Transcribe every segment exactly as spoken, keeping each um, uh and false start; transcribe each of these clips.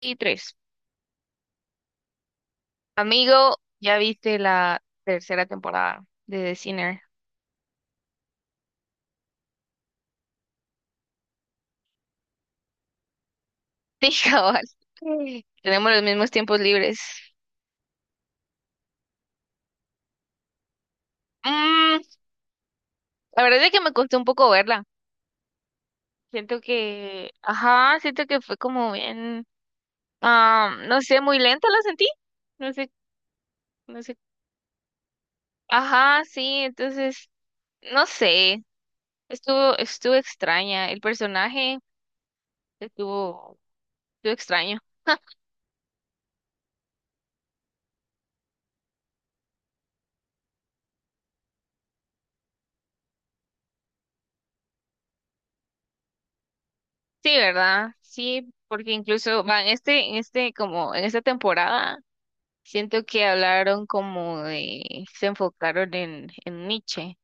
Y tres. Amigo, ya viste la tercera temporada de The Sinner. Sí, cabal. Sí. Tenemos los mismos tiempos libres. Mm, la verdad es que me costó un poco verla. Siento que, ajá, siento que fue como bien, ah, no sé, muy lenta la sentí. No sé, no sé. Ajá, sí, entonces, no sé. Estuvo, estuvo extraña. El personaje estuvo, estuvo extraño. Sí, ¿verdad? Sí, porque incluso van este, en este, como en esta temporada, siento que hablaron como de, se enfocaron en, en Nietzsche.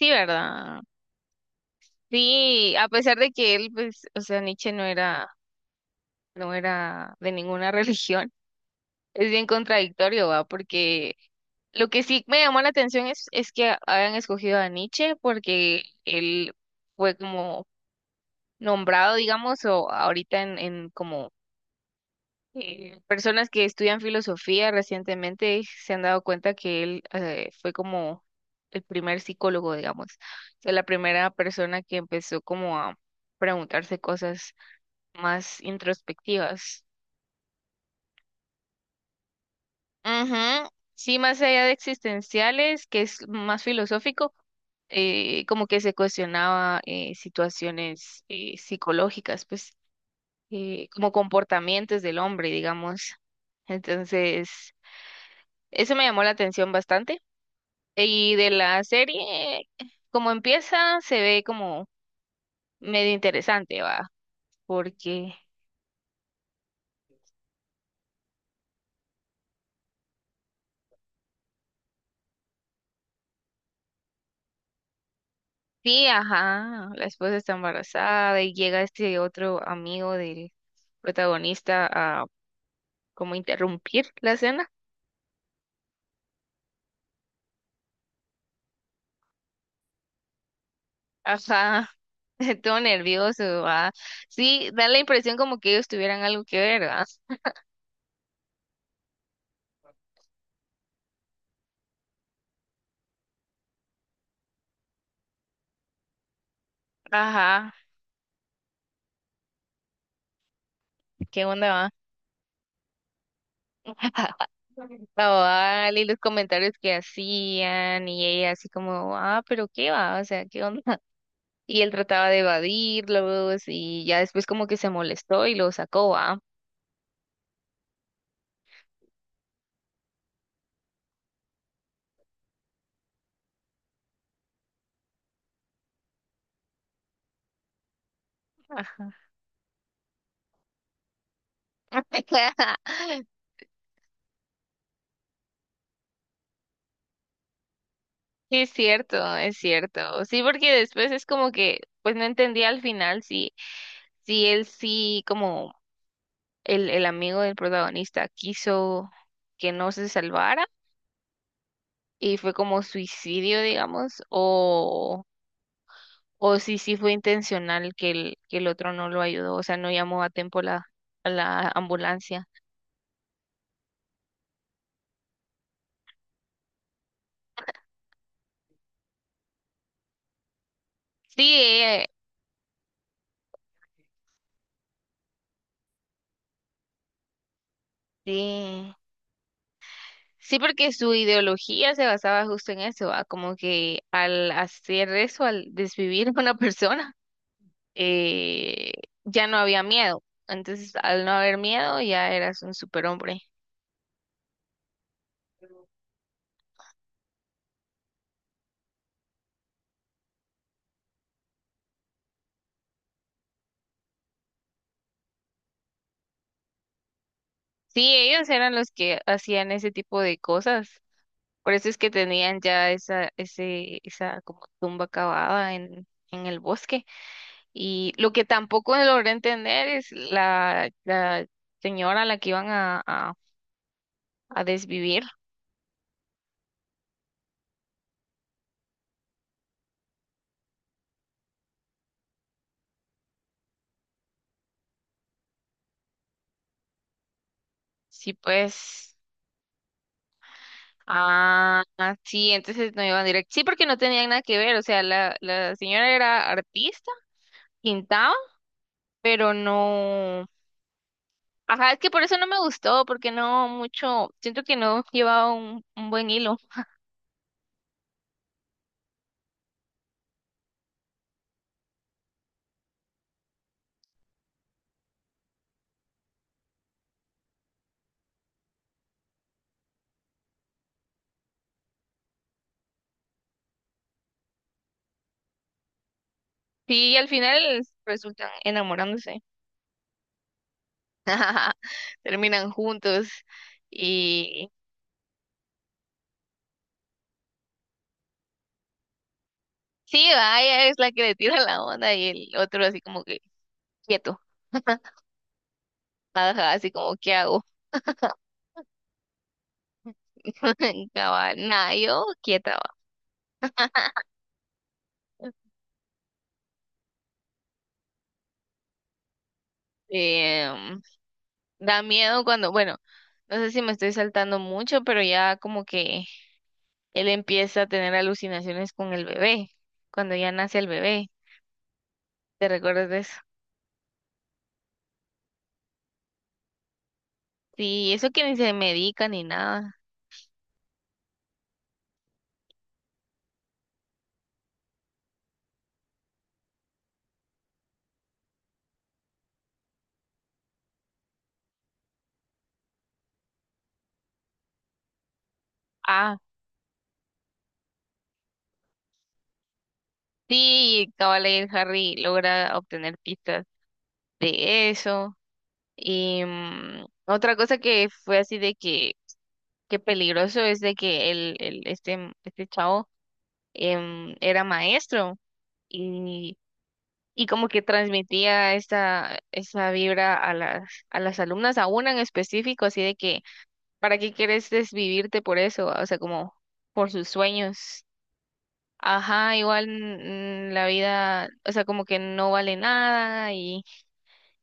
Sí, ¿verdad? Sí, a pesar de que él, pues, o sea, Nietzsche no era, no era de ninguna religión, es bien contradictorio, ¿va? Porque lo que sí me llamó la atención es, es que hayan escogido a Nietzsche porque él fue como nombrado, digamos, o ahorita en, en como Eh, personas que estudian filosofía recientemente se han dado cuenta que él eh, fue como el primer psicólogo, digamos, o sea, la primera persona que empezó como a preguntarse cosas más introspectivas. Ujú. Sí, más allá de existenciales, que es más filosófico, eh, como que se cuestionaba eh, situaciones eh, psicológicas, pues eh, como comportamientos del hombre, digamos. Entonces, eso me llamó la atención bastante. Y de la serie, como empieza, se ve como medio interesante, va, porque sí, ajá, la esposa está embarazada y llega este otro amigo del protagonista a como interrumpir la escena. Ajá, todo nervioso, va. Sí, da la impresión como que ellos tuvieran algo que ver, va. Ajá, ¿qué onda, va? Cabal, y los comentarios que hacían, y ella así como, ah, pero qué va, o sea, qué onda. Y él trataba de evadirlos y ya después como que se molestó y lo sacó, ah. Es cierto, es cierto. Sí, porque después es como que, pues no entendía al final si, si él sí, como el, el amigo del protagonista quiso que no se salvara y fue como suicidio, digamos, o, o si sí fue intencional que el, que el otro no lo ayudó, o sea, no llamó a tiempo la, a la ambulancia. Sí, sí, sí, porque su ideología se basaba justo en eso, ¿va? Como que al hacer eso, al desvivir a una persona, eh, ya no había miedo. Entonces, al no haber miedo, ya eras un superhombre. Sí, ellos eran los que hacían ese tipo de cosas. Por eso es que tenían ya esa, ese, esa como tumba cavada en, en el bosque. Y lo que tampoco logré entender es la, la señora a la que iban a, a a desvivir. Sí, pues. Ah, sí, entonces no iban directo. Sí, porque no tenían nada que ver. O sea, la, la señora era artista, pintaba, pero no. Ajá, es que por eso no me gustó, porque no mucho. Siento que no llevaba un, un buen hilo. Sí, y al final resultan enamorándose. Terminan juntos. Y sí, vaya, es la que le tira la onda y el otro así como que quieto. Ajá, así como, ¿qué hago? Cabal, nada, yo quieta, va. Em, Da miedo cuando, bueno, no sé si me estoy saltando mucho, pero ya como que él empieza a tener alucinaciones con el bebé, cuando ya nace el bebé. ¿Te recuerdas de eso? Sí, eso que ni se medica ni nada. Ah, sí, cabal, ahí el Harry logra obtener pistas de eso. Y mm, otra cosa que fue así de que, que peligroso es de que el, el, este, este chavo em, era maestro y, y como que transmitía esta, esa vibra a las, a las alumnas, a una en específico, así de que, ¿para qué quieres desvivirte por eso? O sea, como por sus sueños. Ajá, igual mm, mm, la vida, o sea, como que no vale nada y,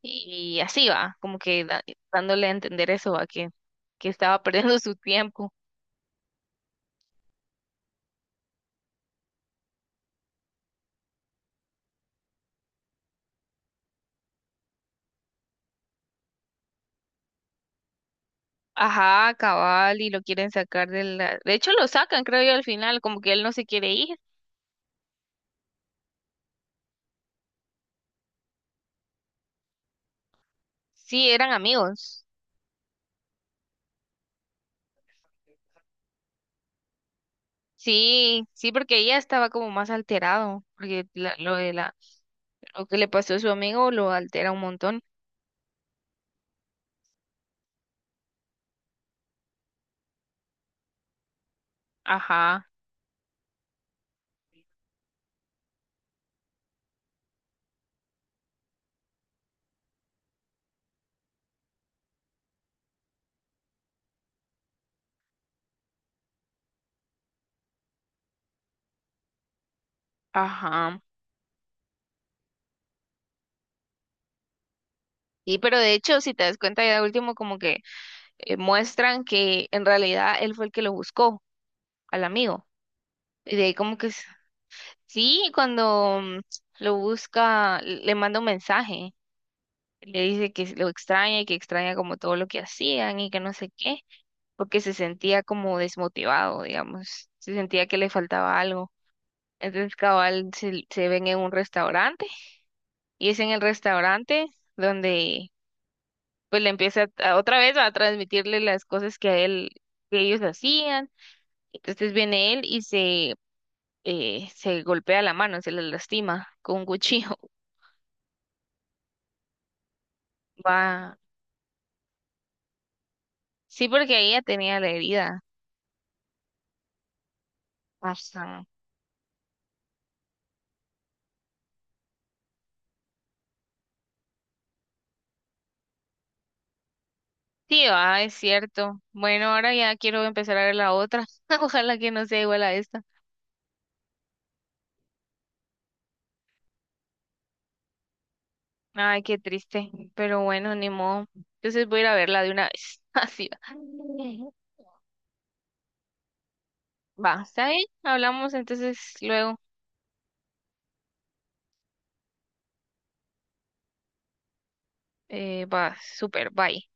y y así va, como que da- dándole a entender eso, va, que, que estaba perdiendo su tiempo. Ajá, cabal, y lo quieren sacar de la... De hecho, lo sacan, creo yo, al final, como que él no se quiere ir. Sí, eran amigos. Sí, sí, porque ella estaba como más alterado, porque la- lo de la, lo que le pasó a su amigo lo altera un montón. Ajá, ajá. Sí, pero de hecho, si te das cuenta, ya de último como que eh, muestran que en realidad él fue el que lo buscó al amigo. Y de ahí como que s- sí, cuando mm, lo busca, l- le manda un mensaje, le dice que lo extraña y que extraña como todo lo que hacían y que no sé qué. Porque se sentía como desmotivado, digamos, se sentía que le faltaba algo. Entonces, cabal, se, se ven en un restaurante y es en el restaurante donde pues le empieza a- otra vez a transmitirle las cosas que a él, que ellos hacían. Entonces viene él y se, eh, se golpea la mano, se le lastima con un cuchillo. Va, sí, porque ella tenía la herida. Ajá. Sí, va, es cierto. Bueno, ahora ya quiero empezar a ver la otra. Ojalá que no sea igual a esta. Ay, qué triste, pero bueno, ni modo. Entonces voy a ir a verla de una vez. Así va. Va, ¿está bien? Hablamos entonces luego. Eh, va, súper, bye.